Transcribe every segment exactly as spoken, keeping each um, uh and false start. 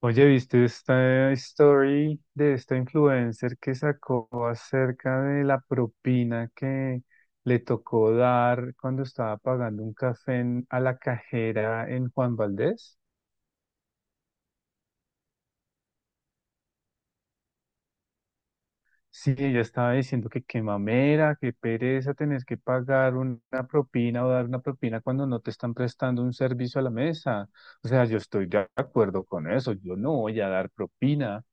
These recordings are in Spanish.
Oye, ¿viste esta story de esta influencer que sacó acerca de la propina que le tocó dar cuando estaba pagando un café en- a la cajera en Juan Valdez? Sí, ella estaba diciendo que qué mamera, qué pereza tener que pagar un- una propina o dar una propina cuando no te están prestando un servicio a la mesa. O sea, yo estoy de acuerdo con eso, yo no voy a dar propina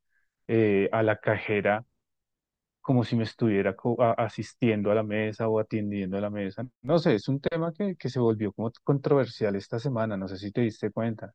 eh, a la cajera como si me estuviera co- a- asistiendo a la mesa o atendiendo a la mesa. No sé, es un tema que, que se volvió como controversial esta semana, no sé si te diste cuenta.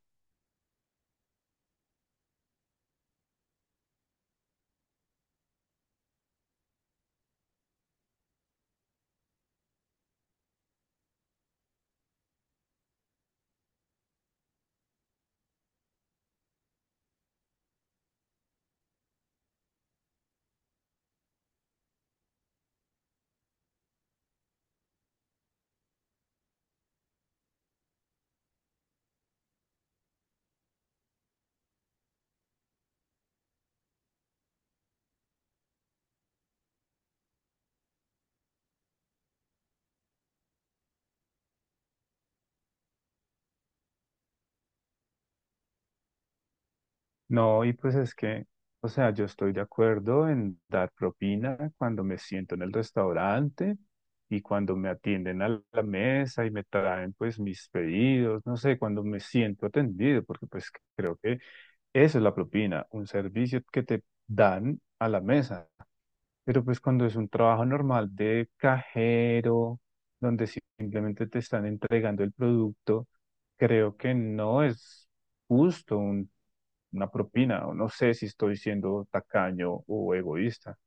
No, y pues es que, o sea, yo estoy de acuerdo en dar propina cuando me siento en el restaurante y cuando me atienden a la mesa y me traen pues mis pedidos, no sé, cuando me siento atendido, porque pues creo que eso es la propina, un servicio que te dan a la mesa. Pero pues cuando es un trabajo normal de cajero, donde si, simplemente te están entregando el producto, creo que no es justo un- una propina, o no sé si estoy siendo tacaño o egoísta.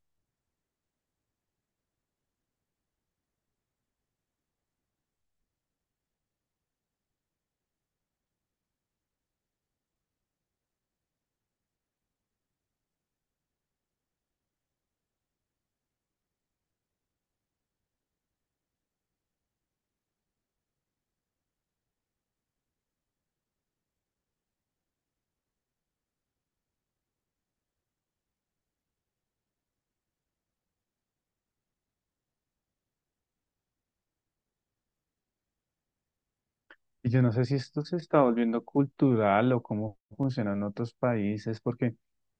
Y yo no sé si esto se está volviendo cultural o cómo funciona en otros países, porque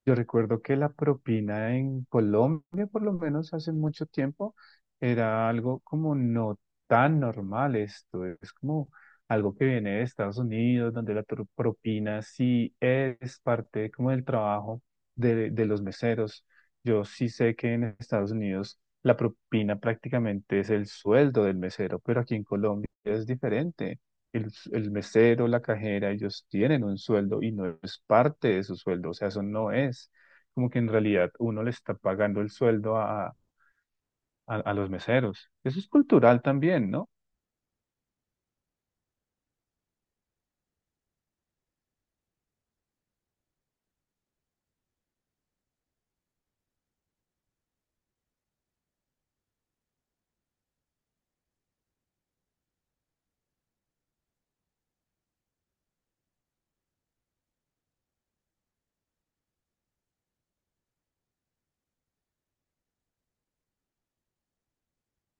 yo recuerdo que la propina en Colombia, por lo menos hace mucho tiempo, era algo como no tan normal esto. Es como algo que viene de Estados Unidos, donde la pro- propina sí es parte como del trabajo de, de los meseros. Yo sí sé que en Estados Unidos la propina prácticamente es el sueldo del mesero, pero aquí en Colombia es diferente el, el mesero, la cajera, ellos tienen un sueldo y no es parte de su sueldo, o sea, eso no es como que en realidad uno le está pagando el sueldo a, a, a los meseros. Eso es cultural también, ¿no?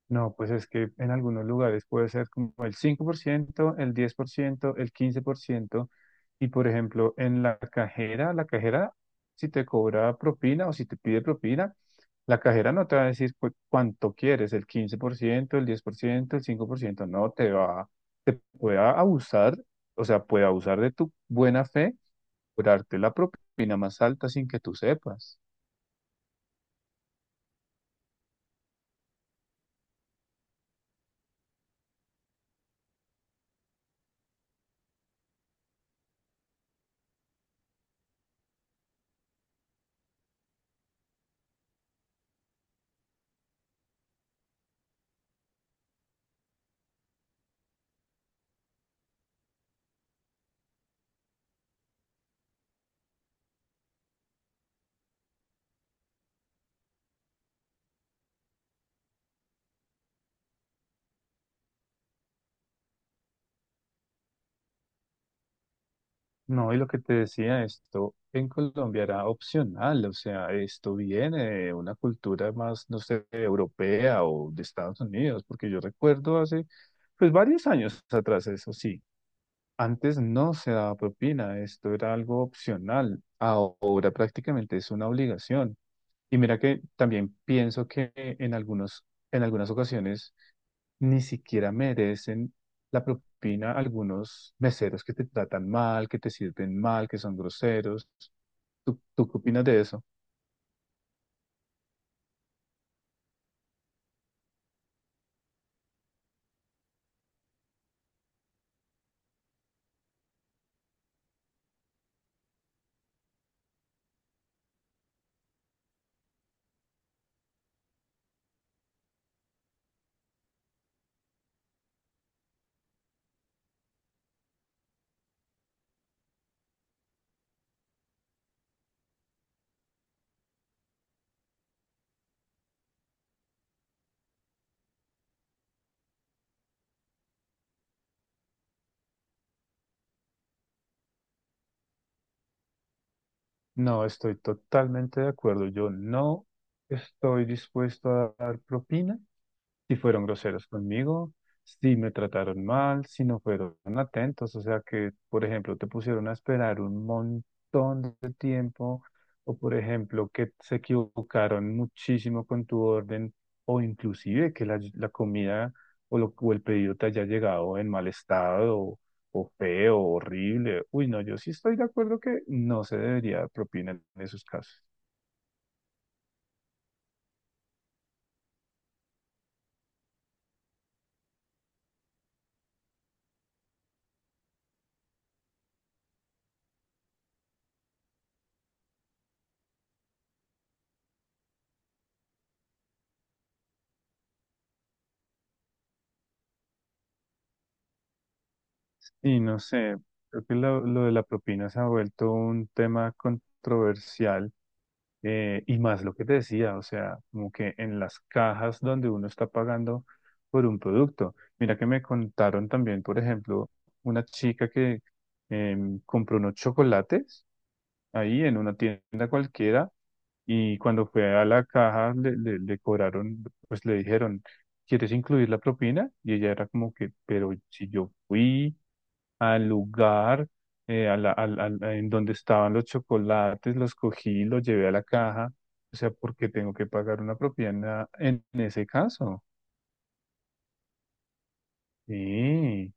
No, pues es que en algunos lugares puede ser como el cinco por ciento, el diez por ciento, el quince por ciento. Y por ejemplo, en la cajera, la cajera, si te cobra propina o si te pide propina, la cajera no te va a decir cu- cuánto quieres, el quince por ciento, el diez por ciento, el cinco por ciento. No te va, pueda abusar, o sea, puede abusar de tu buena fe, por darte la propina más alta sin que tú sepas. No, y lo que te decía, esto en Colombia era opcional, o sea, esto viene de una cultura más, no sé, europea o de Estados Unidos, porque yo recuerdo hace, pues, varios años atrás, eso sí. Antes no se daba propina, esto era algo opcional, ahora prácticamente es una obligación. Y mira que también pienso que en algunos, en algunas ocasiones ni siquiera merecen la propina algunos meseros que te tratan mal, que te sirven mal, que son groseros. ¿Tú, tú qué opinas de eso? No, estoy totalmente de acuerdo. Yo no estoy dispuesto a dar propina si fueron groseros conmigo, si me trataron mal, si no fueron atentos, o sea que, por ejemplo, te pusieron a esperar un montón de tiempo, o por ejemplo, que se equivocaron muchísimo con tu orden, o inclusive que la, la comida o, lo, o el pedido te haya llegado en mal estado. O, o feo, horrible. Uy, no, yo sí estoy de acuerdo que no se debería dar propina en esos casos. Y no sé, creo que lo, lo de la propina se ha vuelto un tema controversial eh, y más lo que te decía, o sea, como que en las cajas donde uno está pagando por un producto. Mira que me contaron también, por ejemplo, una chica que em, compró unos chocolates ahí en una tienda cualquiera y cuando fue a la caja, le, le, le cobraron, pues le dijeron, ¿quieres incluir la propina? Y ella era como que, pero si yo fui al lugar eh, a la- al- al- a- en donde estaban los chocolates, los cogí, los llevé a la caja. O sea, ¿por qué tengo que pagar una propina en ese caso? Sí,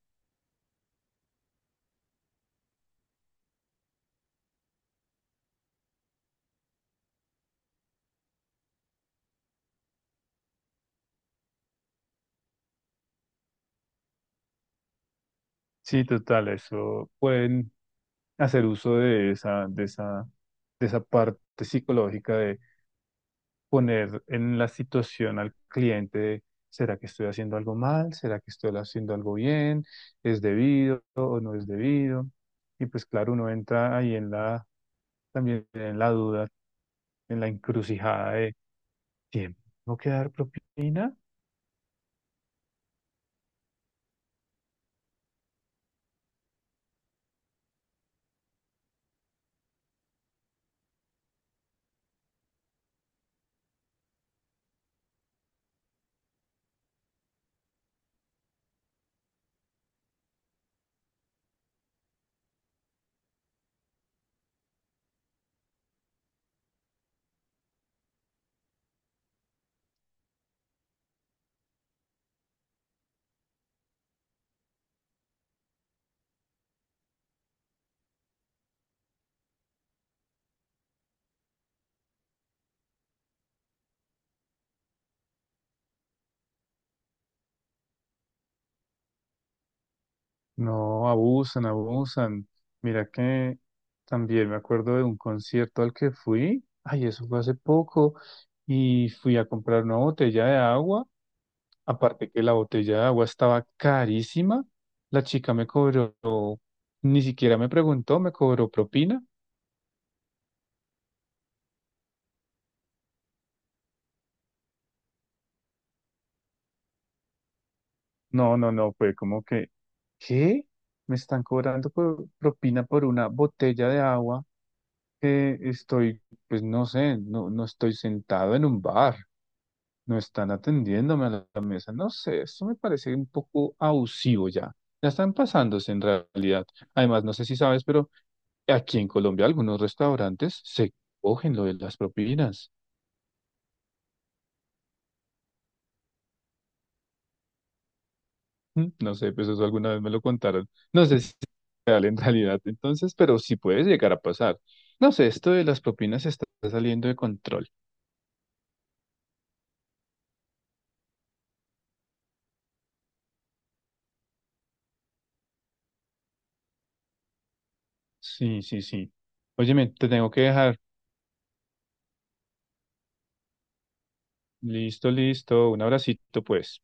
sí, total, eso pueden hacer uso de esa, de esa, de esa parte psicológica de poner en la situación al cliente de, ¿será que estoy haciendo algo mal? ¿Será que estoy haciendo algo bien? ¿Es debido o no es debido? Y pues claro, uno entra ahí en la, también en la duda, en la encrucijada de, ¿tiempo que dar propina? No, abusan, abusan. Mira que también me acuerdo de un concierto al que fui, ay, eso fue hace poco, y fui a comprar una botella de agua. Aparte que la botella de agua estaba carísima, la chica me cobró, ni siquiera me preguntó, me cobró propina. No, no, no, fue como que, ¿qué? Me están cobrando por- propina por una botella de agua que estoy, pues no sé, no, no estoy sentado en un bar, no están atendiéndome a la la mesa, no sé, esto me parece un poco abusivo ya. Ya están pasándose en realidad. Además, no sé si sabes, pero aquí en Colombia algunos restaurantes se cogen lo de las propinas. Mm, no sé, pues eso alguna vez me lo contaron. No sé si es real en realidad entonces, pero sí puede llegar a pasar. No sé, esto de las propinas está saliendo de control. Sí, sí, sí. Óyeme, te tengo que dejar. Listo, listo. Un abracito, pues.